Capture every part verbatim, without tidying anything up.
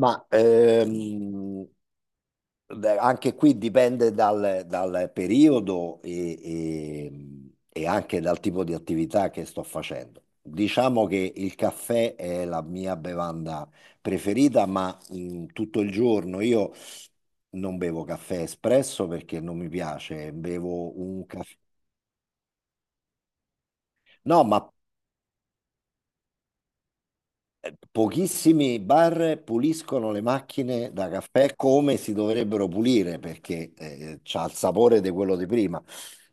Ma ehm, beh, anche qui dipende dal, dal periodo e, e- e anche dal tipo di attività che sto facendo. Diciamo che il caffè è la mia bevanda preferita, ma mh, tutto il giorno io non bevo caffè espresso perché non mi piace, bevo un caffè. No, ma eh, pochissimi bar puliscono le macchine da caffè come si dovrebbero pulire perché eh, c'ha il sapore di quello di prima.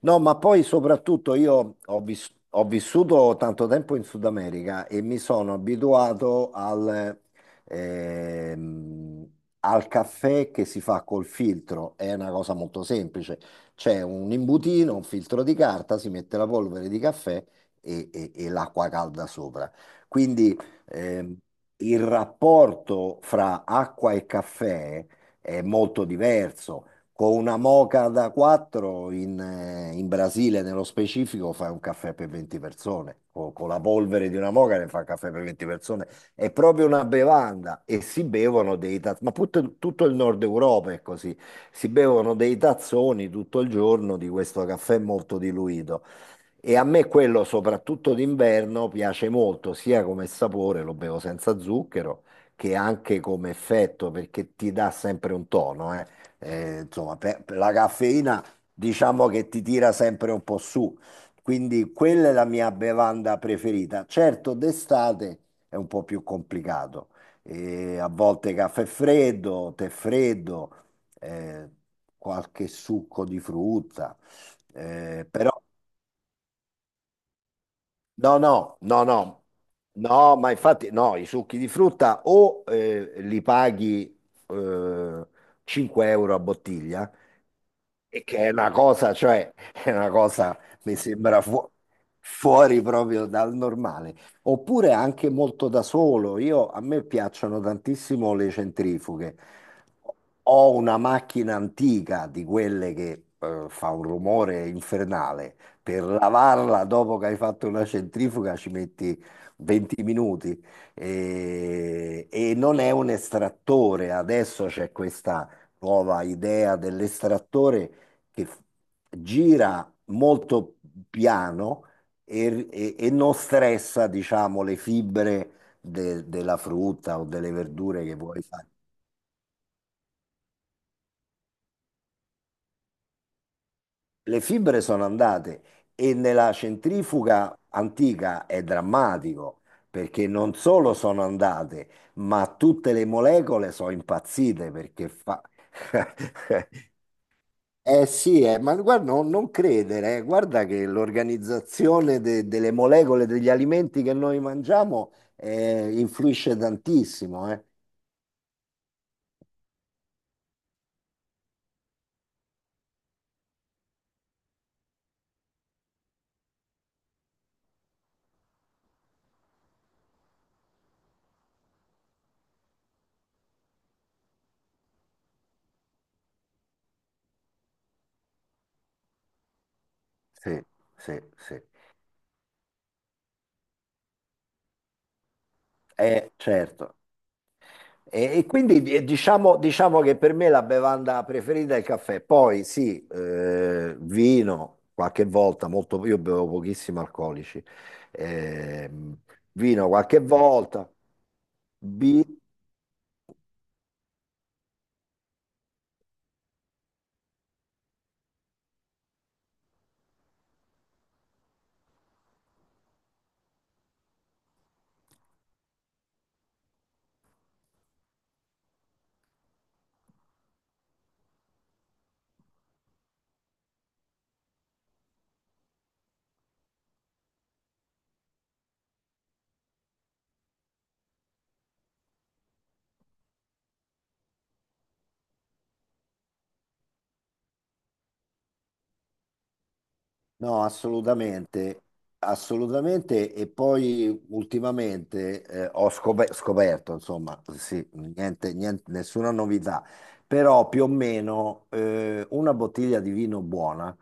No, ma poi soprattutto io ho, vis- ho vissuto tanto tempo in Sud America e mi sono abituato al, ehm, al caffè che si fa col filtro. È una cosa molto semplice. C'è un imbutino, un filtro di carta, si mette la polvere di caffè e e- e l'acqua calda sopra. Quindi ehm, il rapporto fra acqua e caffè è molto diverso. Con una moca da quattro in, eh, in Brasile, nello specifico, fai un caffè per venti persone. Co- Con la polvere di una moca ne fa un caffè per venti persone. È proprio una bevanda e si bevono dei tazzoni. Ma put- tutto il nord Europa è così. Si bevono dei tazzoni tutto il giorno di questo caffè molto diluito. E a me quello, soprattutto d'inverno, piace molto, sia come sapore, lo bevo senza zucchero, che anche come effetto, perché ti dà sempre un tono, eh. Eh, insomma, per- per la caffeina diciamo che ti tira sempre un po' su. Quindi quella è la mia bevanda preferita. Certo, d'estate è un po' più complicato. Eh, a volte caffè freddo, tè freddo, eh, qualche succo di frutta. Eh, però no, no, no, no, no, ma infatti no, i succhi di frutta o eh, li paghi eh, cinque euro a bottiglia e che è una cosa, cioè, è una cosa, mi sembra fu- fuori proprio dal normale. Oppure anche molto da solo. Io, a me piacciono tantissimo le centrifughe. Ho una macchina antica di quelle che eh, fa un rumore infernale. Per lavarla dopo che hai fatto una centrifuga ci metti venti minuti e, e non è un estrattore. Adesso c'è questa nuova idea dell'estrattore che f- gira molto piano e, e- e non stressa, diciamo, le fibre de- della frutta o delle verdure che vuoi fare. Le fibre sono andate e nella centrifuga antica è drammatico perché non solo sono andate, ma tutte le molecole sono impazzite perché fa... Eh sì, eh, ma guarda, no- non credere, eh. Guarda che l'organizzazione de- delle molecole degli alimenti che noi mangiamo eh, influisce tantissimo, eh. Sì, sì, sì, eh, certo. E, e quindi eh, diciamo, diciamo che per me la bevanda preferita è il caffè, poi sì, eh, vino qualche volta, molto, io bevo pochissimi alcolici, ehm, vino qualche volta, birra. No, assolutamente, assolutamente. E poi ultimamente eh, ho scop- scoperto, insomma, sì, niente, niente- nessuna novità, però più o meno eh, una bottiglia di vino buona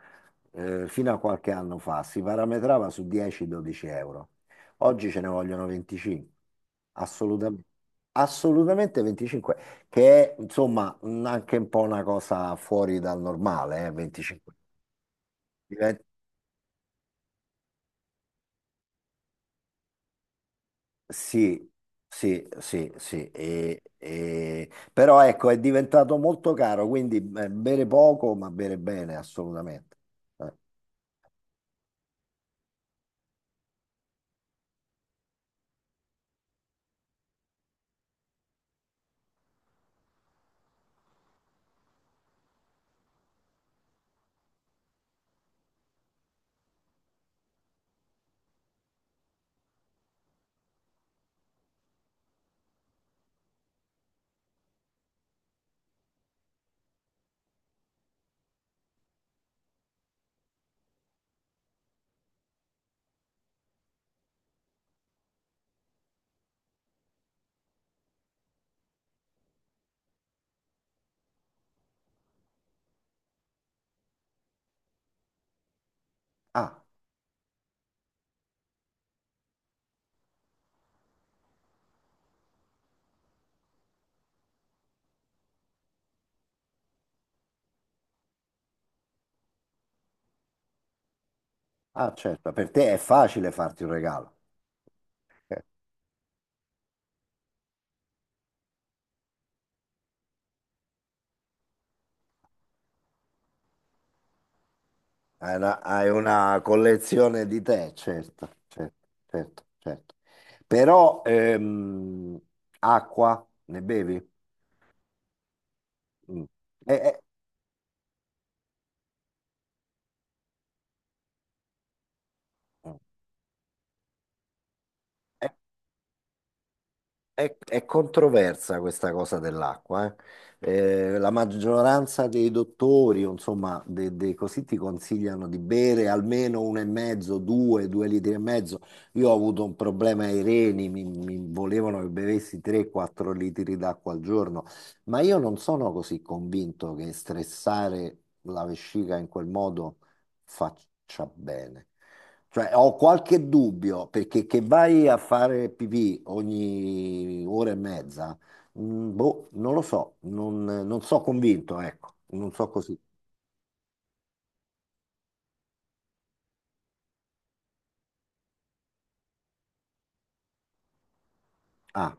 eh, fino a qualche anno fa si parametrava su dieci-dodici euro. Oggi ce ne vogliono venticinque, assolutamente, assolutamente venticinque, che è insomma un- anche un po' una cosa fuori dal normale, eh, venticinque. Sì, sì, sì, sì, e- e- però ecco è diventato molto caro, quindi eh, bere poco ma bere bene assolutamente. Eh. Ah, ah, certo, per te è facile farti un regalo. Eh, Hai una, hai una collezione di te, certo, certo, certo, certo. Però ehm, acqua ne bevi? Mm. Eh, eh, mm. eh, È, è controversa questa cosa dell'acqua, eh. Eh, la maggioranza dei dottori, o insomma, de- dei così ti consigliano di bere almeno uno e mezzo, due, due litri e mezzo. Io ho avuto un problema ai reni, mi, mi volevano che bevessi tre quattro litri d'acqua al giorno, ma io non sono così convinto che stressare la vescica in quel modo faccia bene. Cioè, ho qualche dubbio perché che vai a fare pipì ogni ora e mezza. Mm, boh, non lo so, non, non so convinto, ecco, non so così. Ah,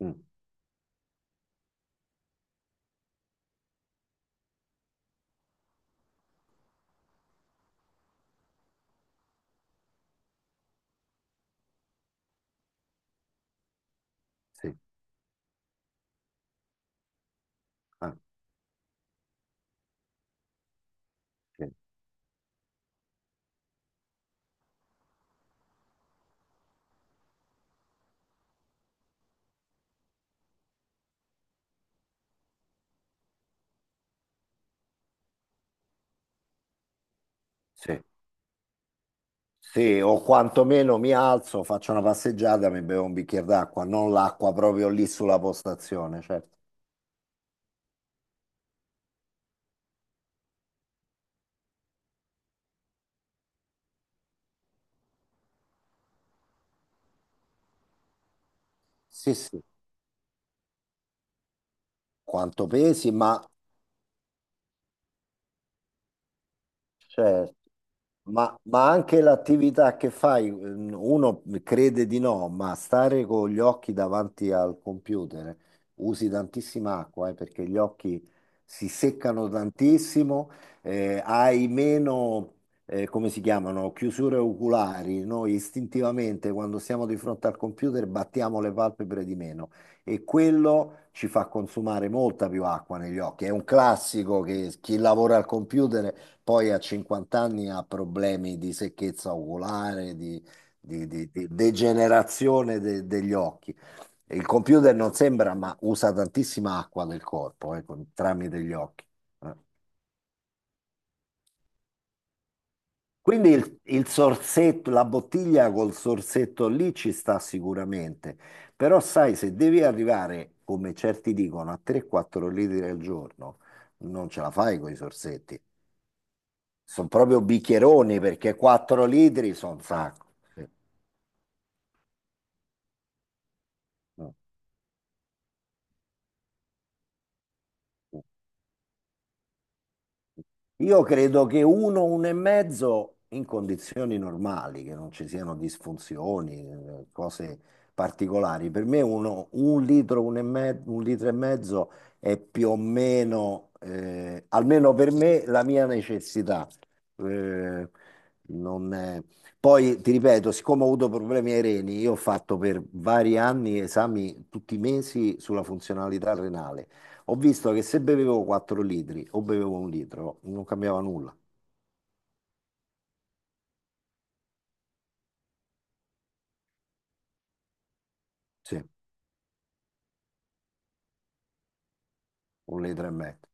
mm, sì, ah, sì, sì, sì, o quantomeno mi alzo, faccio una passeggiata, mi bevo un bicchiere d'acqua, non l'acqua proprio lì sulla postazione, certo. Sì, sì, quanto pesi, ma certo. Ma, ma anche l'attività che fai, ehm, uno crede di no, ma stare con gli occhi davanti al computer eh, usi tantissima acqua, eh, perché gli occhi si seccano tantissimo, eh, hai meno, eh, come si chiamano, chiusure oculari. Noi istintivamente quando siamo di fronte al computer battiamo le palpebre di meno e quello ci fa consumare molta più acqua negli occhi. È un classico che chi lavora al computer poi a cinquanta anni ha problemi di secchezza oculare, di, di- di- di degenerazione de- degli occhi. E il computer non sembra, ma usa tantissima acqua del corpo, eh, con- tramite gli occhi. Eh. Quindi il, il sorsetto, la bottiglia col sorsetto lì ci sta sicuramente, però sai, se devi arrivare, come certi dicono, a tre o quattro litri al giorno, non ce la fai con i sorsetti. Sono proprio bicchieroni perché quattro litri sono un sacco. Sì. No. Io credo che uno, uno e mezzo in condizioni normali, che non ci siano disfunzioni, eh, cose particolari. Per me uno, un litro, un, e me- un litro e mezzo è più o meno, eh, almeno per me, la mia necessità. Eh, non è- Poi ti ripeto, siccome ho avuto problemi ai reni, io ho fatto per vari anni esami tutti i mesi sulla funzionalità renale. Ho visto che se bevevo quattro litri o bevevo un litro, non cambiava nulla. Sì, un litro e mezzo.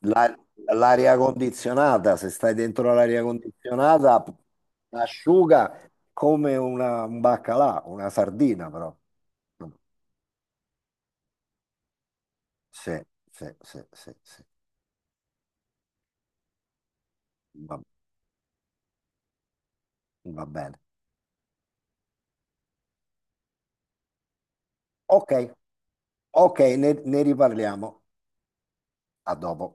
La- L'aria condizionata, se stai dentro l'aria condizionata, asciuga come una, un baccalà, una sardina però. Sì, sì, sì, sì, sì. Va, va bene. Ok, ok, ne ne riparliamo. A dopo.